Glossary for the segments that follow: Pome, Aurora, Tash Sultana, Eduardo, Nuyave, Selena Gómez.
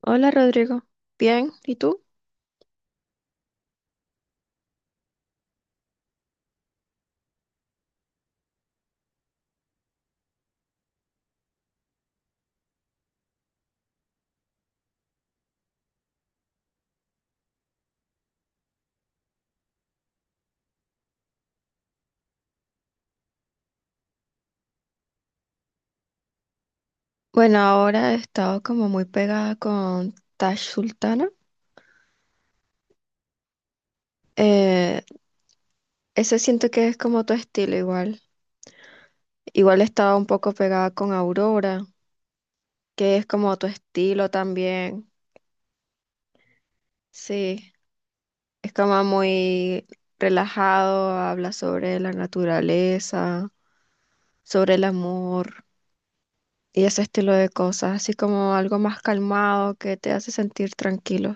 Hola Rodrigo, bien, ¿y tú? Bueno, ahora he estado como muy pegada con Tash Sultana. Eh, Ese siento que es como tu estilo igual. Igual estaba un poco pegada con Aurora, que es como tu estilo también. Sí, es como muy relajado, habla sobre la naturaleza, sobre el amor y ese estilo de cosas, así como algo más calmado que te hace sentir tranquilo.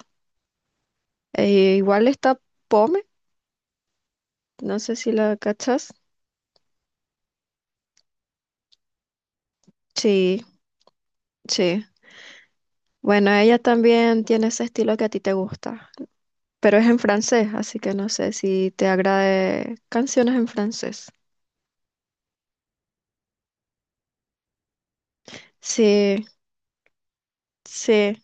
E igual está Pome. No sé si la cachas. Sí, sí. Bueno, ella también tiene ese estilo que a ti te gusta, pero es en francés, así que no sé si te agrade canciones en francés. Sí, sí.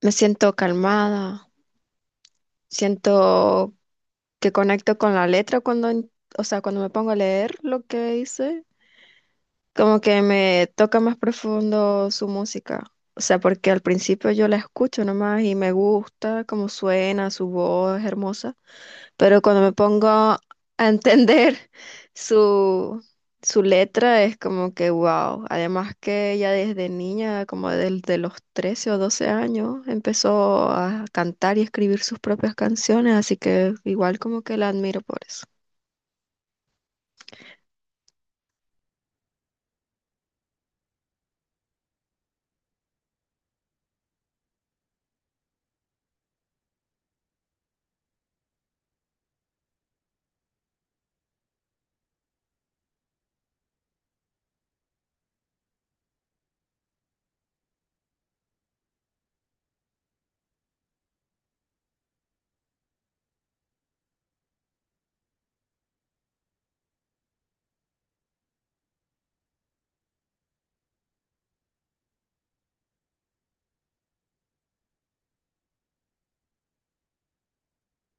Me siento calmada, siento que conecto con la letra o sea, cuando me pongo a leer lo que dice, como que me toca más profundo su música. O sea, porque al principio yo la escucho nomás y me gusta cómo suena, su voz es hermosa, pero cuando me pongo a entender su, su letra es como que wow. Además que ella desde niña, como desde los 13 o 12 años, empezó a cantar y escribir sus propias canciones, así que igual como que la admiro por eso.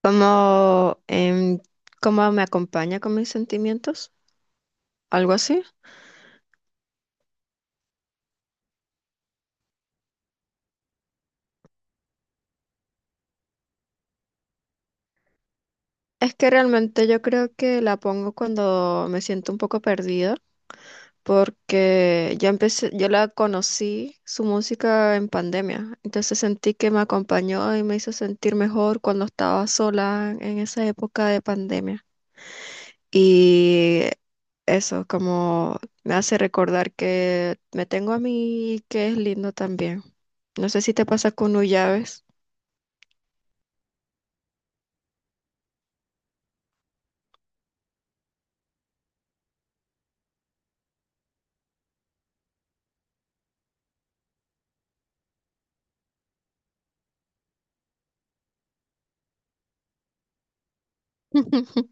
¿Cómo, cómo me acompaña con mis sentimientos? ¿Algo así? Es que realmente yo creo que la pongo cuando me siento un poco perdida porque ya empecé, yo la conocí su música en pandemia, entonces sentí que me acompañó y me hizo sentir mejor cuando estaba sola en esa época de pandemia. Y eso, como me hace recordar que me tengo a mí y que es lindo también. No sé si te pasa con Ullaves.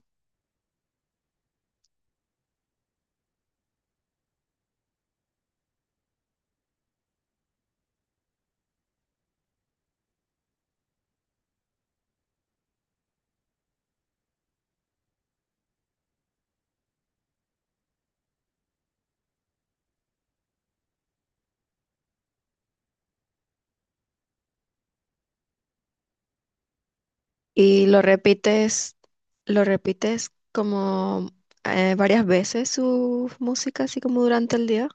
Y lo repites como varias veces su música, así como durante el día.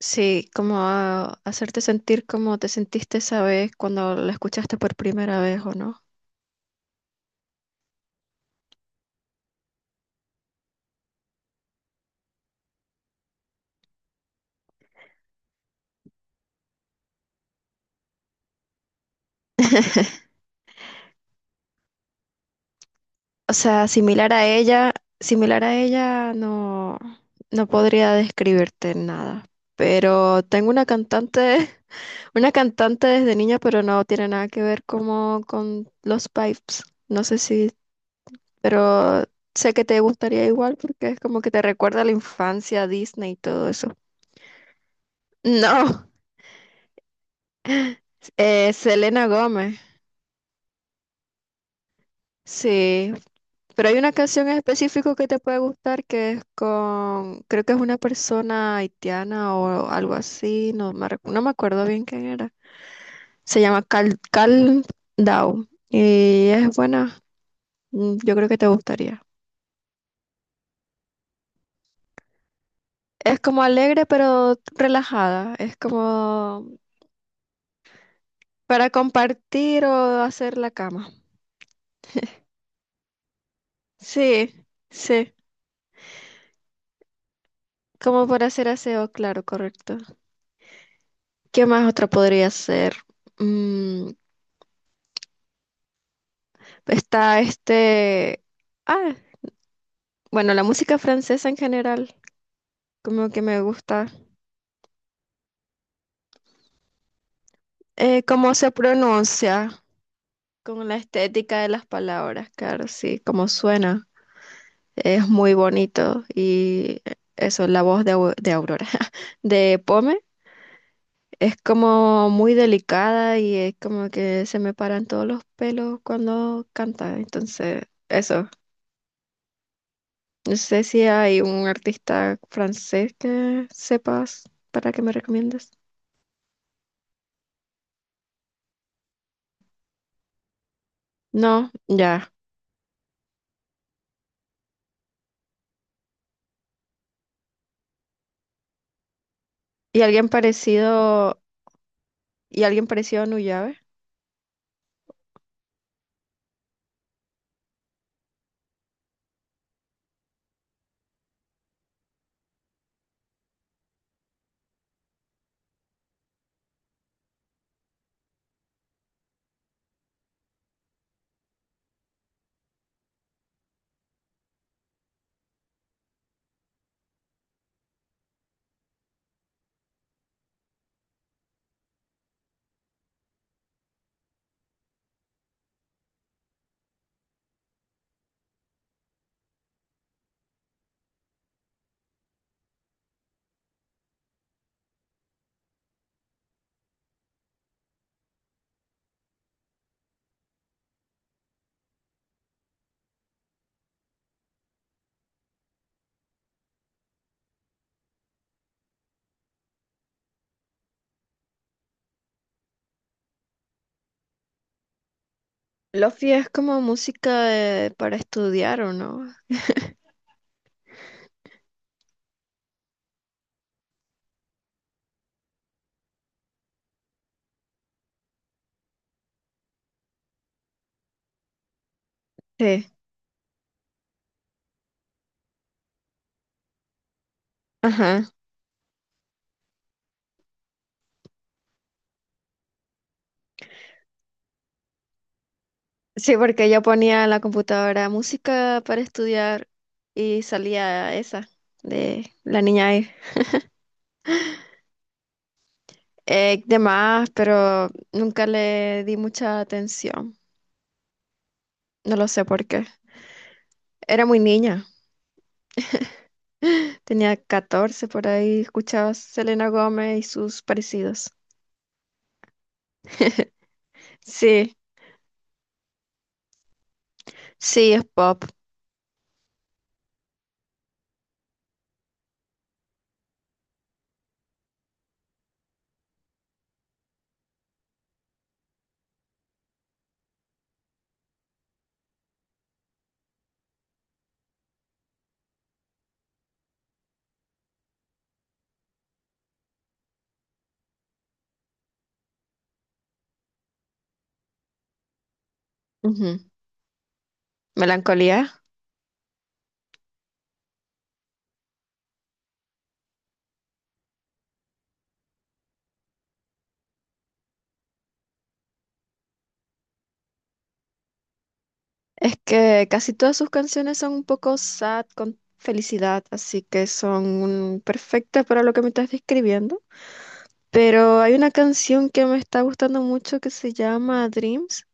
Sí, como hacerte sentir como te sentiste esa vez cuando la escuchaste por primera vez o no. O sea, similar a ella no, no podría describirte nada. Pero tengo una cantante, una cantante desde niña, pero no tiene nada que ver como con los pipes. No sé si, pero sé que te gustaría igual porque es como que te recuerda a la infancia, Disney y todo eso. No, Selena Gómez. Sí, pero hay una canción en específico que te puede gustar que es con, creo que es una persona haitiana o algo así, no me acuerdo bien quién era. Se llama Cal down y es buena, mm, yo creo que te gustaría. Es como alegre pero relajada, es como para compartir o hacer la cama. Sí, sí, como para hacer aseo, claro, correcto. ¿Qué más otra podría ser? Mm, está este... Ah, bueno, la música francesa en general, como que me gusta. Cómo se pronuncia, con la estética de las palabras, claro, sí, cómo suena. Es muy bonito y eso, la voz de, de Aurora, de Pome, es como muy delicada y es como que se me paran todos los pelos cuando canta. Entonces, eso, no sé si hay un artista francés que sepas para que me recomiendes. No, ya. ¿Y alguien parecido, y alguien parecido a Nuyave? Lofi es como música para estudiar, ¿o no? Sí. Ajá. Sí, porque yo ponía en la computadora música para estudiar y salía esa de la niña ahí. Demás, pero nunca le di mucha atención. No lo sé por qué. Era muy niña. Tenía 14 por ahí, escuchaba Selena Gómez y sus parecidos. Sí, sí, es pop. Ujú. Melancolía. Es que casi todas sus canciones son un poco sad con felicidad, así que son perfectas para lo que me estás describiendo. Pero hay una canción que me está gustando mucho que se llama Dreams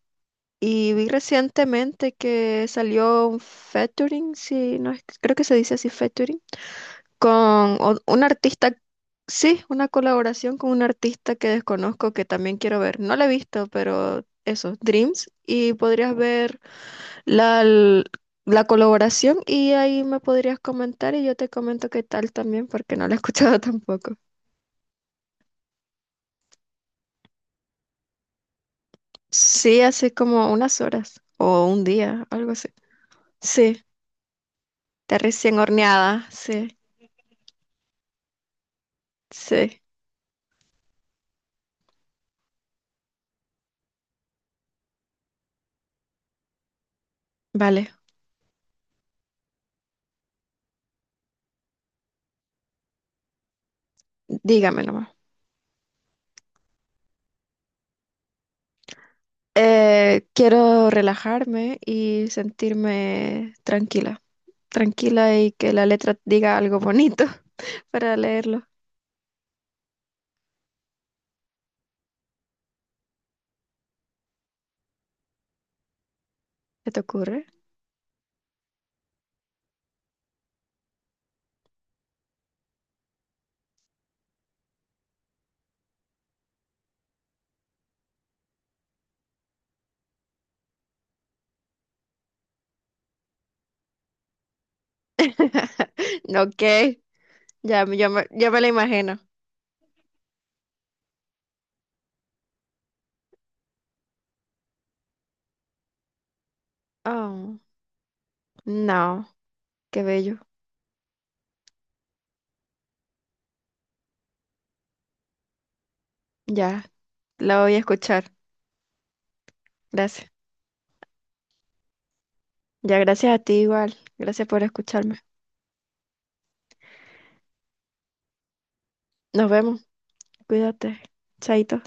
y vi recientemente que salió un featuring, sí, no, creo que se dice así, con un artista, sí, una colaboración con un artista que desconozco que también quiero ver. No la he visto, pero eso, Dreams. Y podrías ver la, l- la colaboración y ahí me podrías comentar y yo te comento qué tal también porque no la he escuchado tampoco. Sí, hace como unas horas o un día, algo así. Sí, está recién horneada, sí, sí. Vale, dígame nomás. Quiero relajarme y sentirme tranquila, tranquila y que la letra diga algo bonito para leerlo. ¿Qué te ocurre? Ok, ya, yo me la imagino. Oh, no, qué bello. Ya, la voy a escuchar. Gracias. Ya, gracias a ti igual. Gracias por escucharme. Nos vemos. Cuídate. Chaito.